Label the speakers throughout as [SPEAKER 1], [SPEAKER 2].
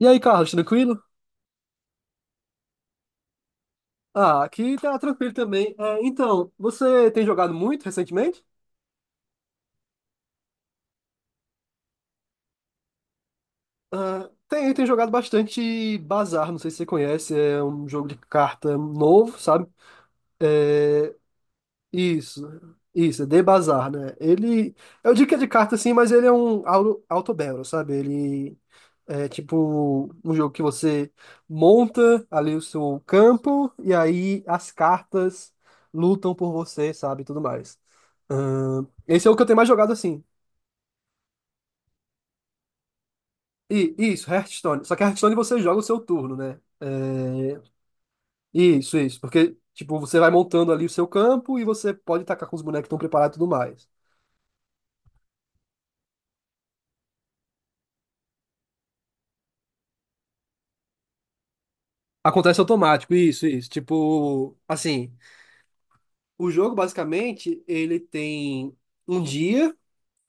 [SPEAKER 1] E aí, Carlos, tranquilo? Ah, aqui tá tranquilo também. É, então, você tem jogado muito recentemente? Ah, tem jogado bastante Bazar, não sei se você conhece, é um jogo de carta novo, sabe? É, isso, isso, é The Bazar, né? Eu digo que é de carta sim, mas ele é um auto-battle, sabe? Ele É tipo um jogo que você monta ali o seu campo e aí as cartas lutam por você, sabe, e tudo mais. Esse é o que eu tenho mais jogado assim. E isso, Hearthstone. Só que Hearthstone você joga o seu turno, né? É, isso, isso. Porque, tipo, você vai montando ali o seu campo e você pode tacar com os bonecos que estão preparados e tudo mais. Acontece automático, isso, isso. Tipo, assim, o jogo basicamente ele tem um dia.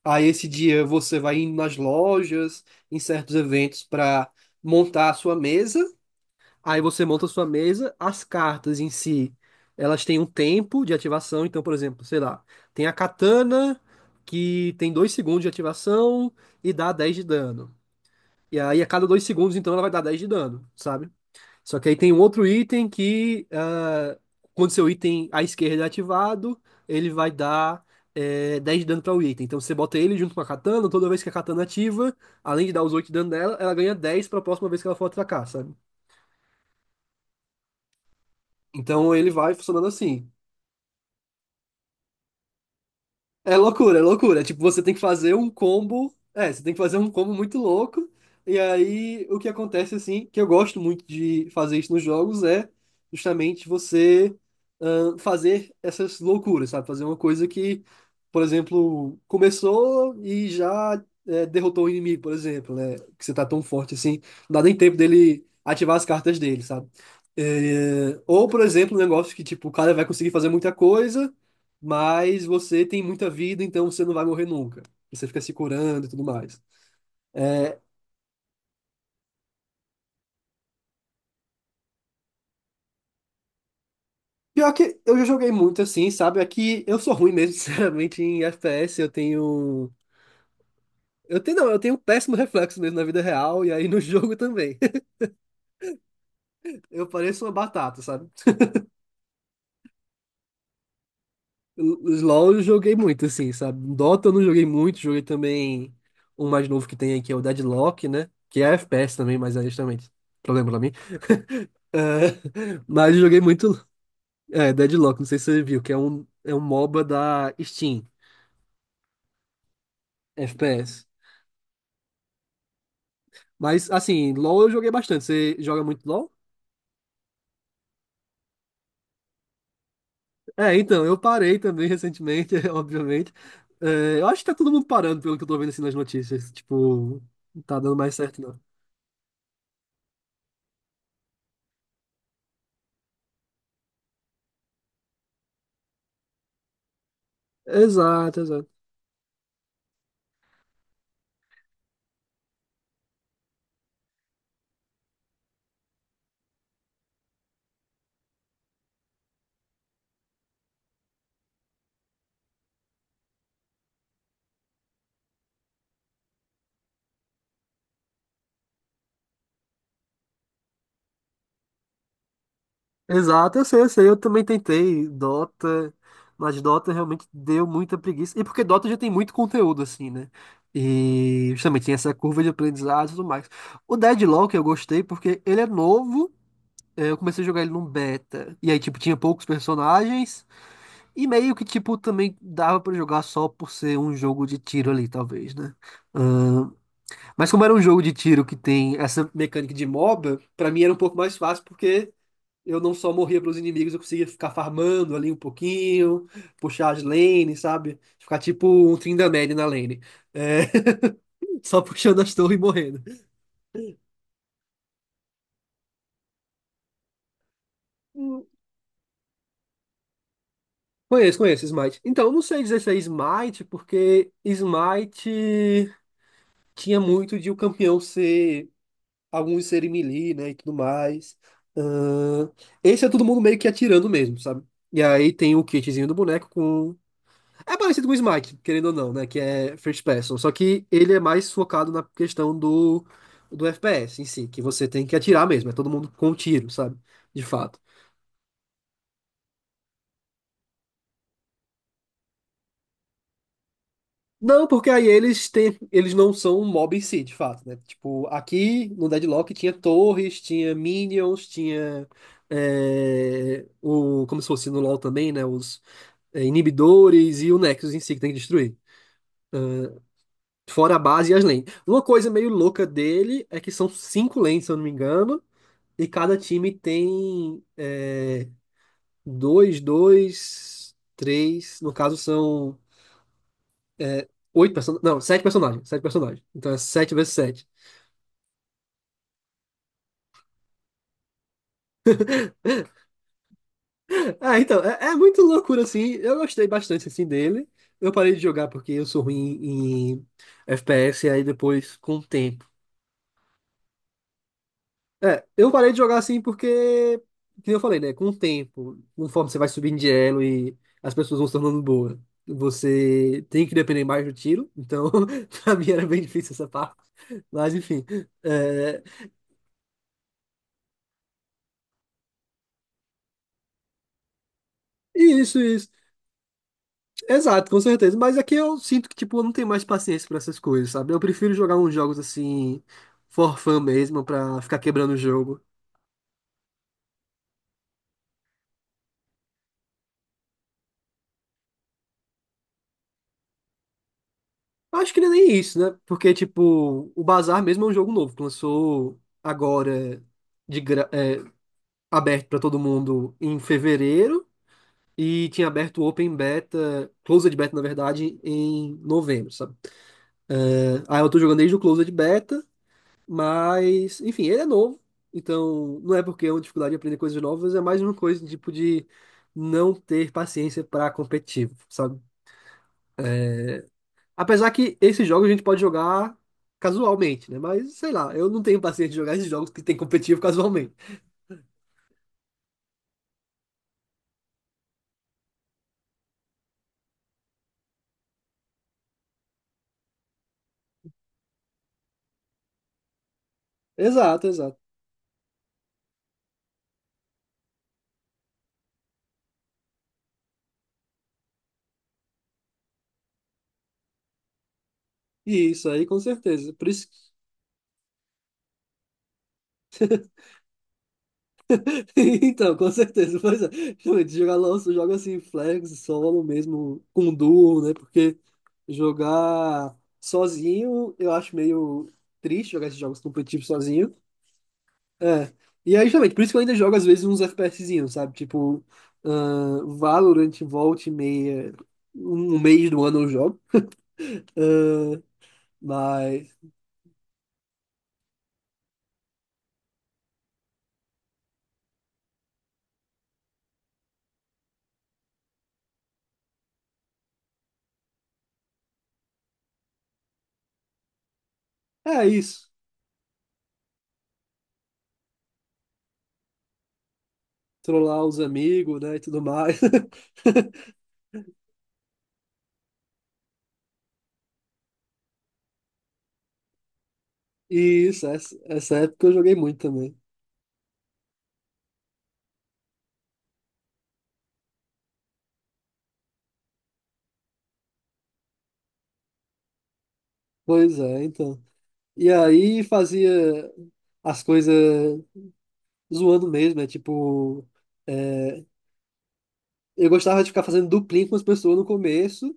[SPEAKER 1] Aí esse dia você vai indo nas lojas, em certos eventos para montar a sua mesa. Aí você monta a sua mesa, as cartas em si, elas têm um tempo de ativação, então, por exemplo, sei lá, tem a katana que tem 2 segundos de ativação e dá 10 de dano. E aí a cada 2 segundos então ela vai dar 10 de dano, sabe? Só que aí tem um outro item que, ah, quando seu item à esquerda é ativado, ele vai dar 10 de dano para o item. Então você bota ele junto com a katana, toda vez que a katana ativa, além de dar os 8 de dano dela, ela ganha 10 para a próxima vez que ela for atacar, sabe? Então ele vai funcionando assim. É loucura, é loucura. Tipo, você tem que fazer um combo. É, você tem que fazer um combo muito louco. E aí, o que acontece, assim, que eu gosto muito de fazer isso nos jogos é justamente você fazer essas loucuras, sabe? Fazer uma coisa que, por exemplo, começou e já derrotou o inimigo, por exemplo, né? Que você tá tão forte assim, não dá nem tempo dele ativar as cartas dele, sabe? Ou, por exemplo, um negócio que, tipo, o cara vai conseguir fazer muita coisa, mas você tem muita vida, então você não vai morrer nunca. Você fica se curando e tudo mais. É, pior que eu já joguei muito assim, sabe? Aqui eu sou ruim mesmo, sinceramente, em FPS. Eu tenho. Eu tenho, não, eu tenho um péssimo reflexo mesmo na vida real e aí no jogo também. Eu pareço uma batata, sabe? Os LoL eu joguei muito, assim, sabe? Dota eu não joguei muito, joguei também um mais novo que tem aqui, é o Deadlock, né? Que é FPS também, mas é justamente problema pra mim. É, mas eu joguei muito. Deadlock, não sei se você viu, que é um MOBA da Steam, FPS. Mas, assim, LoL eu joguei bastante. Você joga muito LoL? É, então, eu parei também recentemente, obviamente. É, eu acho que tá todo mundo parando, pelo que eu tô vendo assim nas notícias. Tipo, não tá dando mais certo, não. Exato, exato. Exato, eu sei, eu sei. Eu também tentei Dota, mas Dota realmente deu muita preguiça. E porque Dota já tem muito conteúdo, assim, né? E justamente tem essa curva de aprendizado e tudo mais. O Deadlock eu gostei porque ele é novo. Eu comecei a jogar ele num beta. E aí, tipo, tinha poucos personagens. E meio que, tipo, também dava pra jogar só por ser um jogo de tiro ali, talvez, né? Ahn, mas como era um jogo de tiro que tem essa mecânica de MOBA, pra mim era um pouco mais fácil porque eu não só morria para os inimigos, eu conseguia ficar farmando ali um pouquinho, puxar as lanes, sabe? Ficar tipo um Tryndamere na lane. É, só puxando as torres e morrendo. Hum, Conheço, conheço Smite. Então, eu não sei dizer se é Smite, porque Smite tinha muito de o campeão ser, alguns serem melee, né, e tudo mais. Ahn, Esse é todo mundo meio que atirando mesmo, sabe? E aí tem o kitzinho do boneco com É parecido com o Smite, querendo ou não, né? Que é first person. Só que ele é mais focado na questão do, do FPS em si, que você tem que atirar mesmo. É todo mundo com um tiro, sabe? De fato. Não, porque aí eles não são um mob em si, de fato, né? Tipo, aqui no Deadlock tinha torres, tinha minions, tinha como se fosse no LoL também, né? Os inibidores e o Nexus em si que tem que destruir. Fora a base e as lanes. Uma coisa meio louca dele é que são cinco lanes, se eu não me engano. E cada time tem dois, dois, três. No caso, são oito personagens. Não, sete personagens. Sete personagens. Então é sete vezes sete. Ah então, é muito loucura, assim. Eu gostei bastante, assim, dele. Eu parei de jogar porque eu sou ruim em FPS, e aí depois, com o tempo. É, eu parei de jogar assim porque, como eu falei, né? Com o tempo, conforme você vai subindo de elo e as pessoas vão se tornando boas, você tem que depender mais do tiro. Então, pra mim era bem difícil essa parte. Mas, enfim. É... Isso, isso. Exato, com certeza. Mas aqui eu sinto que, tipo, eu não tenho mais paciência pra essas coisas, sabe? Eu prefiro jogar uns jogos assim, for fun mesmo, pra ficar quebrando o jogo. Acho que não é nem isso, né? Porque, tipo, o Bazar mesmo é um jogo novo, que lançou agora. De gra... Aberto para todo mundo em fevereiro e tinha aberto o Open Beta, Closed Beta, na verdade, em novembro, sabe? Aí eu tô jogando desde o Closed Beta, mas, enfim, ele é novo. Então, não é porque é uma dificuldade de aprender coisas novas, é mais uma coisa tipo de não ter paciência para competitivo, sabe? Apesar que esses jogos a gente pode jogar casualmente, né? Mas, sei lá, eu não tenho paciência de jogar esses jogos que tem competitivo casualmente. Exato, exato. E isso aí, com certeza. Por isso. Então, com certeza. Pois é. Realmente, joga assim, flex, solo mesmo, com duo, né? Porque jogar sozinho, eu acho meio triste jogar esses jogos competitivos sozinho. É. E aí, justamente, por isso que eu ainda jogo, às vezes, uns FPSzinhos, sabe? Tipo, Valorant, volta e meia, um mês do ano eu jogo. Ahn, mas, é isso. Trollar os amigos, né, e tudo mais. E isso, essa época eu joguei muito também. Pois é, então. E aí fazia as coisas zoando mesmo. é, eu gostava de ficar fazendo duplinha com as pessoas no começo,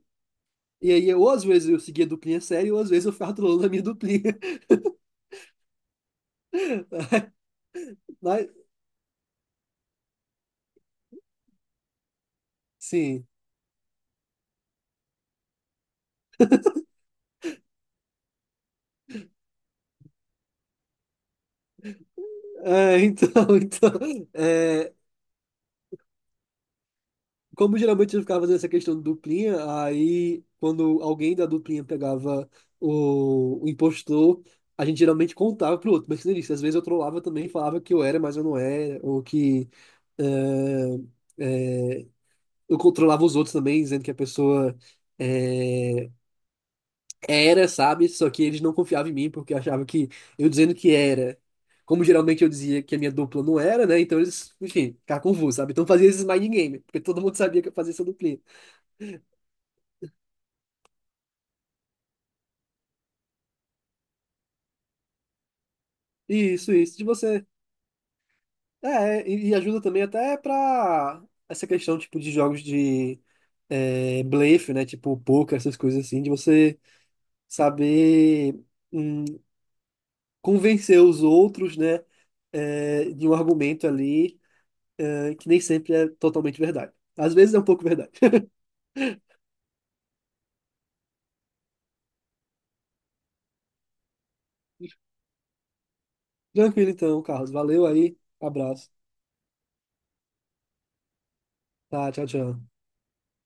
[SPEAKER 1] e aí ou às vezes eu seguia a duplinha séria, ou às vezes eu ficava trolando a minha duplinha. Mas, sim. É, então, então. é, Como geralmente eu ficava fazendo essa questão de duplinha, aí quando alguém da duplinha pegava o impostor. A gente geralmente contava pro outro, mas como eu disse, às vezes eu trollava também, falava que eu era, mas eu não era, ou que É, é, eu controlava os outros também, dizendo que a pessoa é, era, sabe? Só que eles não confiavam em mim porque achavam que eu dizendo que era. Como geralmente eu dizia que a minha dupla não era, né? Então eles, enfim, ficavam confusos, sabe? Então eu fazia esses mind game, porque todo mundo sabia que eu fazia essa duplinha. Isso, de você. E ajuda também até pra essa questão, tipo, de jogos de blefe, né? Tipo, poker, essas coisas assim, de você saber. hum, Convencer os outros, né, de um argumento ali, que nem sempre é totalmente verdade. Às vezes é um pouco verdade. Tranquilo então, Carlos. Valeu aí. Abraço. Tá, tchau, tchau.